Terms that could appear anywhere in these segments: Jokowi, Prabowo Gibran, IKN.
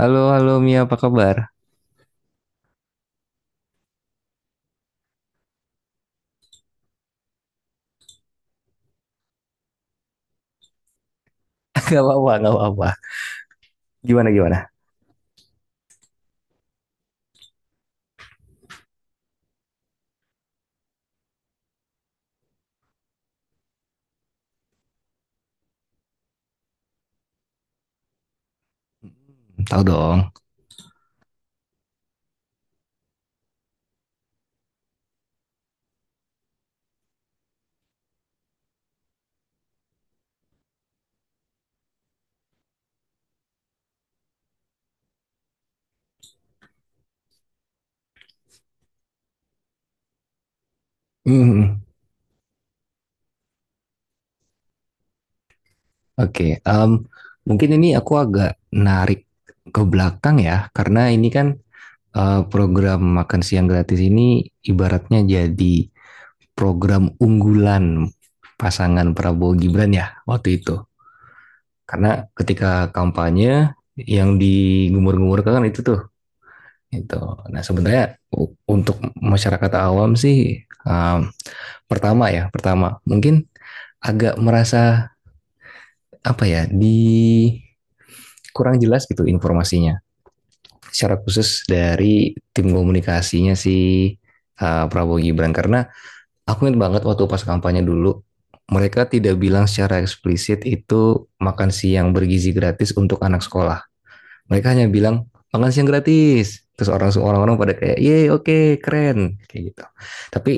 Halo, halo Mia, apa kabar? Gak apa-apa, gak apa-apa. Gimana, gimana? Tahu dong. Hmm, oke, mungkin ini aku agak narik ke belakang ya, karena ini kan program makan siang gratis ini ibaratnya jadi program unggulan pasangan Prabowo Gibran ya waktu itu. Karena ketika kampanye yang digumur-gumurkan itu tuh, itu. Nah sebenarnya untuk masyarakat awam sih, em, pertama ya, pertama mungkin agak merasa apa ya di kurang jelas gitu informasinya. Secara khusus dari tim komunikasinya si Prabowo Gibran karena aku ingat banget waktu pas kampanye dulu mereka tidak bilang secara eksplisit itu makan siang bergizi gratis untuk anak sekolah. Mereka hanya bilang makan siang gratis. Terus orang orang pada kayak, "Ye, oke, okay, keren." kayak gitu. Tapi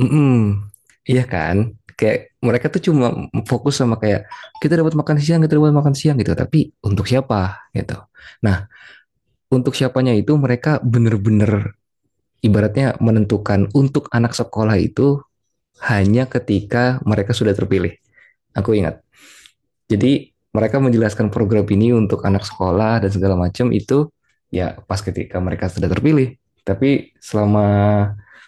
mm-mm. Iya kan? Kayak mereka tuh cuma fokus sama kayak kita dapat makan siang, kita dapat makan siang gitu. Tapi untuk siapa gitu. Nah, untuk siapanya itu mereka bener-bener ibaratnya menentukan untuk anak sekolah itu hanya ketika mereka sudah terpilih. Aku ingat. Jadi mereka menjelaskan program ini untuk anak sekolah dan segala macam itu ya pas ketika mereka sudah terpilih. Tapi selama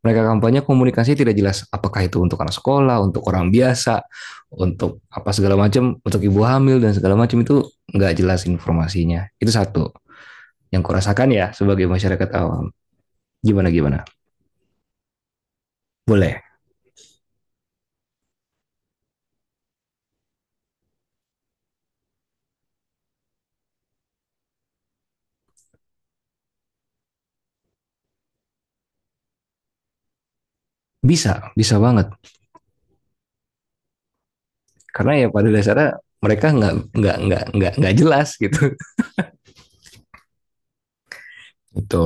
mereka kampanye komunikasi tidak jelas apakah itu untuk anak sekolah, untuk orang biasa, untuk apa segala macam, untuk ibu hamil dan segala macam itu nggak jelas informasinya. Itu satu yang kurasakan ya sebagai masyarakat awam. Gimana gimana? Boleh, bisa, bisa banget. Karena ya pada dasarnya mereka nggak jelas gitu. Itu.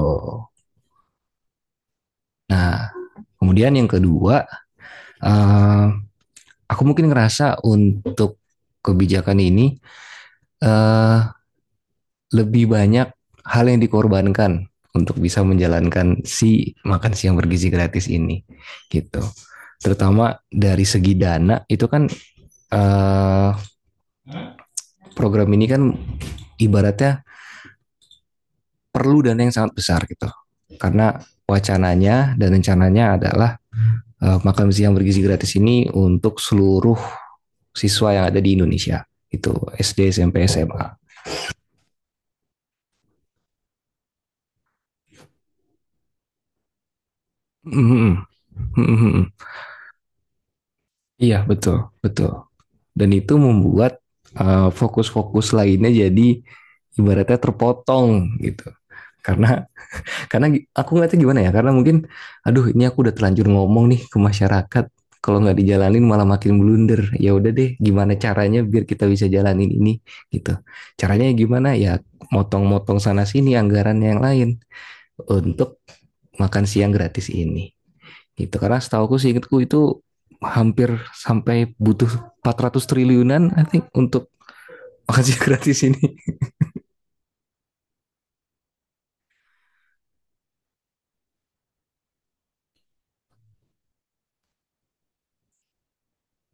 Nah, kemudian yang kedua, eh, aku mungkin ngerasa untuk kebijakan ini eh, lebih banyak hal yang dikorbankan untuk bisa menjalankan si makan siang bergizi gratis ini, gitu. Terutama dari segi dana itu kan, eh, program ini kan ibaratnya perlu dana yang sangat besar gitu, karena wacananya dan rencananya adalah makan siang bergizi gratis ini untuk seluruh siswa yang ada di Indonesia itu SD SMP SMA. Mhm. Mhm. Iya betul betul dan itu membuat fokus-fokus lainnya jadi ibaratnya terpotong gitu karena aku ngeliatnya gimana ya karena mungkin aduh ini aku udah terlanjur ngomong nih ke masyarakat kalau nggak dijalanin malah makin blunder ya udah deh gimana caranya biar kita bisa jalanin ini gitu caranya gimana ya motong-motong sana sini anggaran yang lain untuk makan siang gratis ini gitu karena setahu aku seingatku itu hampir sampai butuh 400 triliunan I think untuk makan siang gratis ini.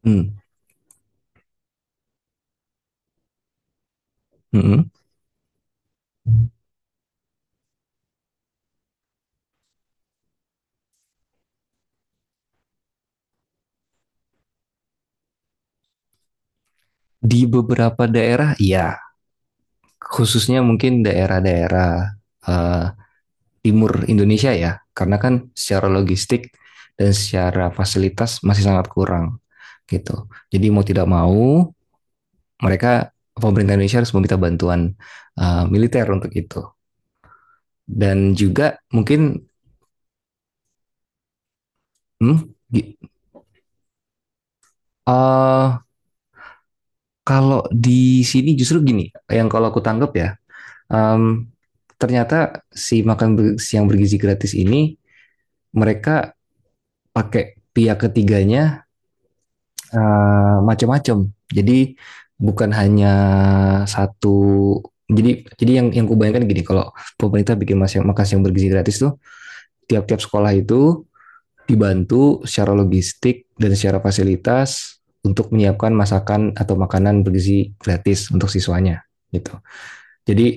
Hmm, mm, di beberapa daerah ya khususnya mungkin daerah-daerah eh, timur Indonesia ya, karena kan secara logistik dan secara fasilitas masih sangat kurang gitu. Jadi mau tidak mau mereka pemerintah Indonesia harus meminta bantuan militer untuk itu. Dan juga mungkin hmm, gi- eh, kalau di sini justru gini, yang kalau aku tanggap ya, em, ternyata si siang bergizi gratis ini mereka pakai pihak ketiganya macam-macam. Jadi bukan hanya satu. Jadi yang kubayangkan gini, kalau pemerintah bikin makan makan siang bergizi gratis tuh, tiap-tiap sekolah itu dibantu secara logistik dan secara fasilitas untuk menyiapkan masakan atau makanan bergizi gratis untuk siswanya gitu. Jadi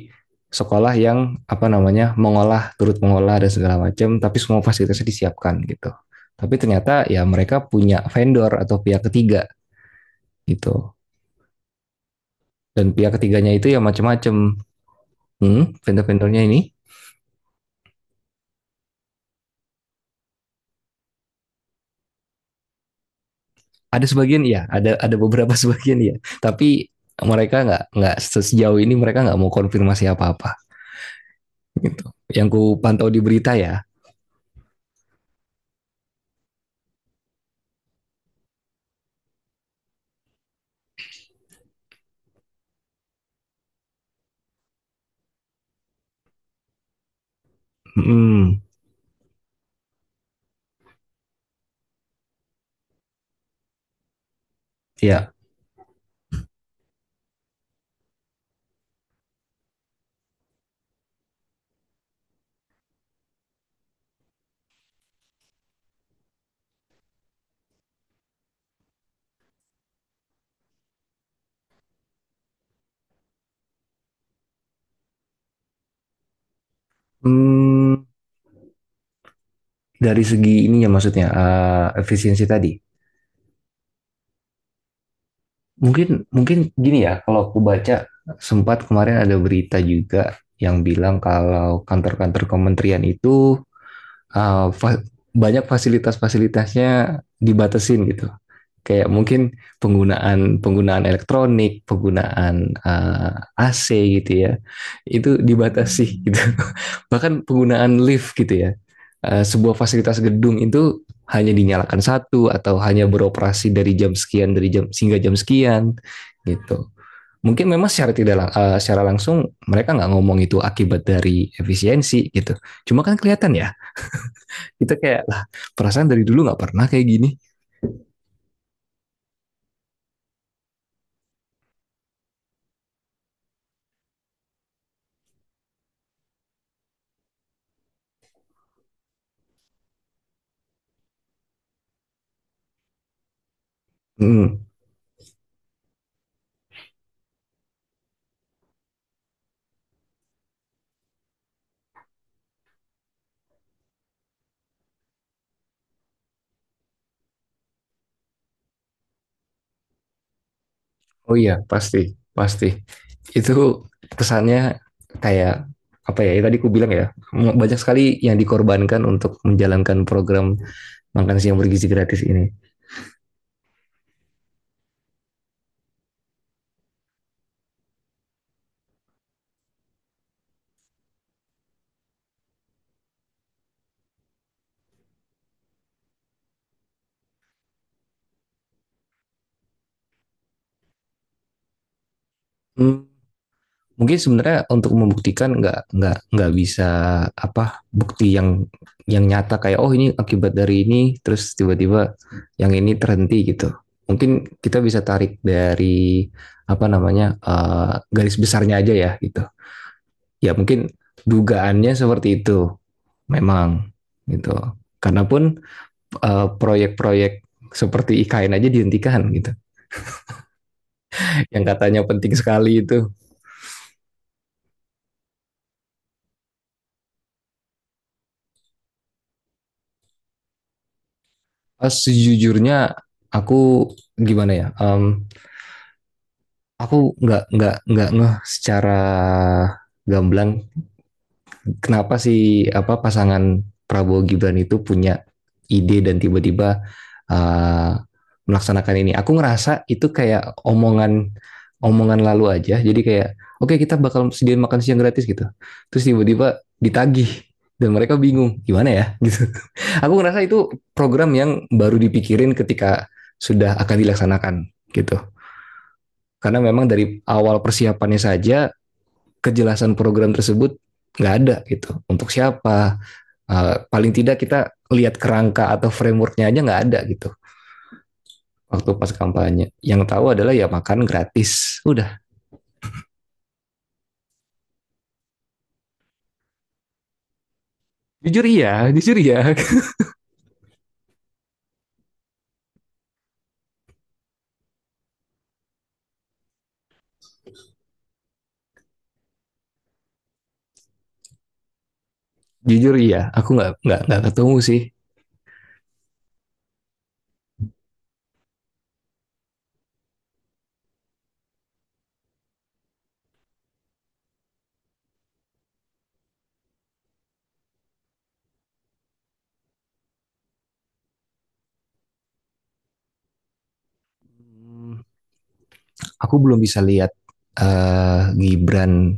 sekolah yang apa namanya mengolah turut mengolah dan segala macam tapi semua fasilitasnya disiapkan gitu. Tapi ternyata ya mereka punya vendor atau pihak ketiga gitu. Dan pihak ketiganya itu ya macam-macam. Hmm, vendor-vendornya ini ada sebagian ya, ada beberapa sebagian ya. Tapi mereka nggak sejauh ini mereka nggak mau konfirmasi apa-apa. Yang ku pantau di berita ya. Hmm, ya. Hmm, dari segi ininya maksudnya efisiensi tadi. Mungkin mungkin gini ya, kalau aku baca sempat kemarin ada berita juga yang bilang kalau kantor-kantor kementerian itu uh, fa- banyak fasilitas-fasilitasnya dibatasin gitu. Kayak mungkin penggunaan penggunaan elektronik, penggunaan AC gitu ya, itu dibatasi gitu. Bahkan penggunaan lift gitu ya, sebuah fasilitas gedung itu hanya dinyalakan satu atau hanya beroperasi dari jam sekian dari jam sehingga jam sekian gitu. Mungkin memang secara tidak secara langsung mereka nggak ngomong itu akibat dari efisiensi gitu. Cuma kan kelihatan ya kita kayak lah perasaan dari dulu nggak pernah kayak gini. Hmm. Oh iya pasti pasti itu kesannya kayak apa ya, ya tadi aku bilang ya banyak sekali yang dikorbankan untuk menjalankan program makan siang bergizi gratis ini. Hmm. Mungkin sebenarnya untuk membuktikan nggak bisa apa bukti yang nyata kayak oh ini akibat dari ini terus tiba-tiba yang ini terhenti gitu mungkin kita bisa tarik dari apa namanya garis besarnya aja ya gitu ya mungkin dugaannya seperti itu memang gitu karena pun proyek-proyek seperti IKN aja dihentikan gitu yang katanya penting sekali itu. Sejujurnya aku gimana ya, aku nggak ngeh secara gamblang kenapa sih apa pasangan Prabowo Gibran itu punya ide dan tiba-tiba uh, melaksanakan ini. Aku ngerasa itu kayak omongan omongan lalu aja. Jadi kayak oke okay, kita bakal sediain makan siang gratis gitu. Terus tiba-tiba ditagih dan mereka bingung gimana ya gitu. Aku ngerasa itu program yang baru dipikirin ketika sudah akan dilaksanakan gitu. Karena memang dari awal persiapannya saja kejelasan program tersebut nggak ada gitu untuk siapa, paling tidak kita lihat kerangka atau frameworknya aja nggak ada gitu waktu pas kampanye yang tahu adalah ya makan gratis udah. Jujur iya, jujur iya. Jujur iya aku nggak ketemu sih. Aku belum bisa lihat Gibran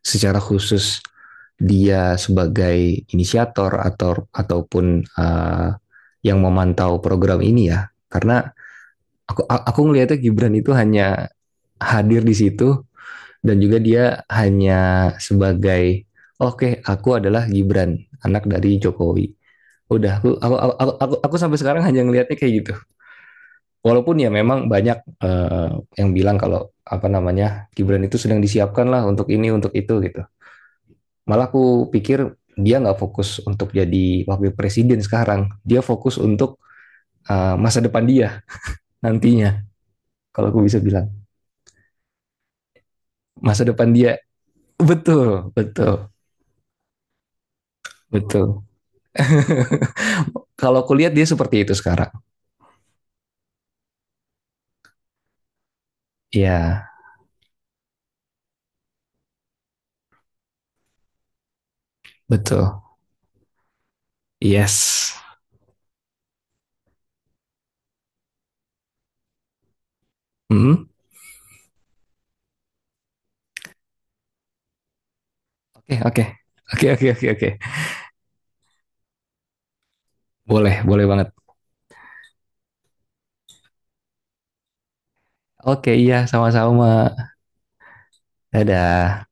secara khusus dia sebagai inisiator atau ataupun yang memantau program ini ya karena aku ngelihatnya Gibran itu hanya hadir di situ dan juga dia hanya sebagai oke okay, aku adalah Gibran anak dari Jokowi udah aku, sampai sekarang hanya ngelihatnya kayak gitu walaupun ya memang banyak yang bilang kalau apa namanya Gibran itu sedang disiapkan lah untuk ini untuk itu gitu malah aku pikir dia nggak fokus untuk jadi wakil presiden sekarang dia fokus untuk masa depan dia nantinya kalau aku bisa bilang masa depan dia. Betul, betul, betul. Kalau kulihat dia seperti itu sekarang. Iya, betul. Yes. Hmm? Oke, oke. Oke, oke, oke, oke. Boleh, boleh banget. Oke, iya, sama-sama. Dadah.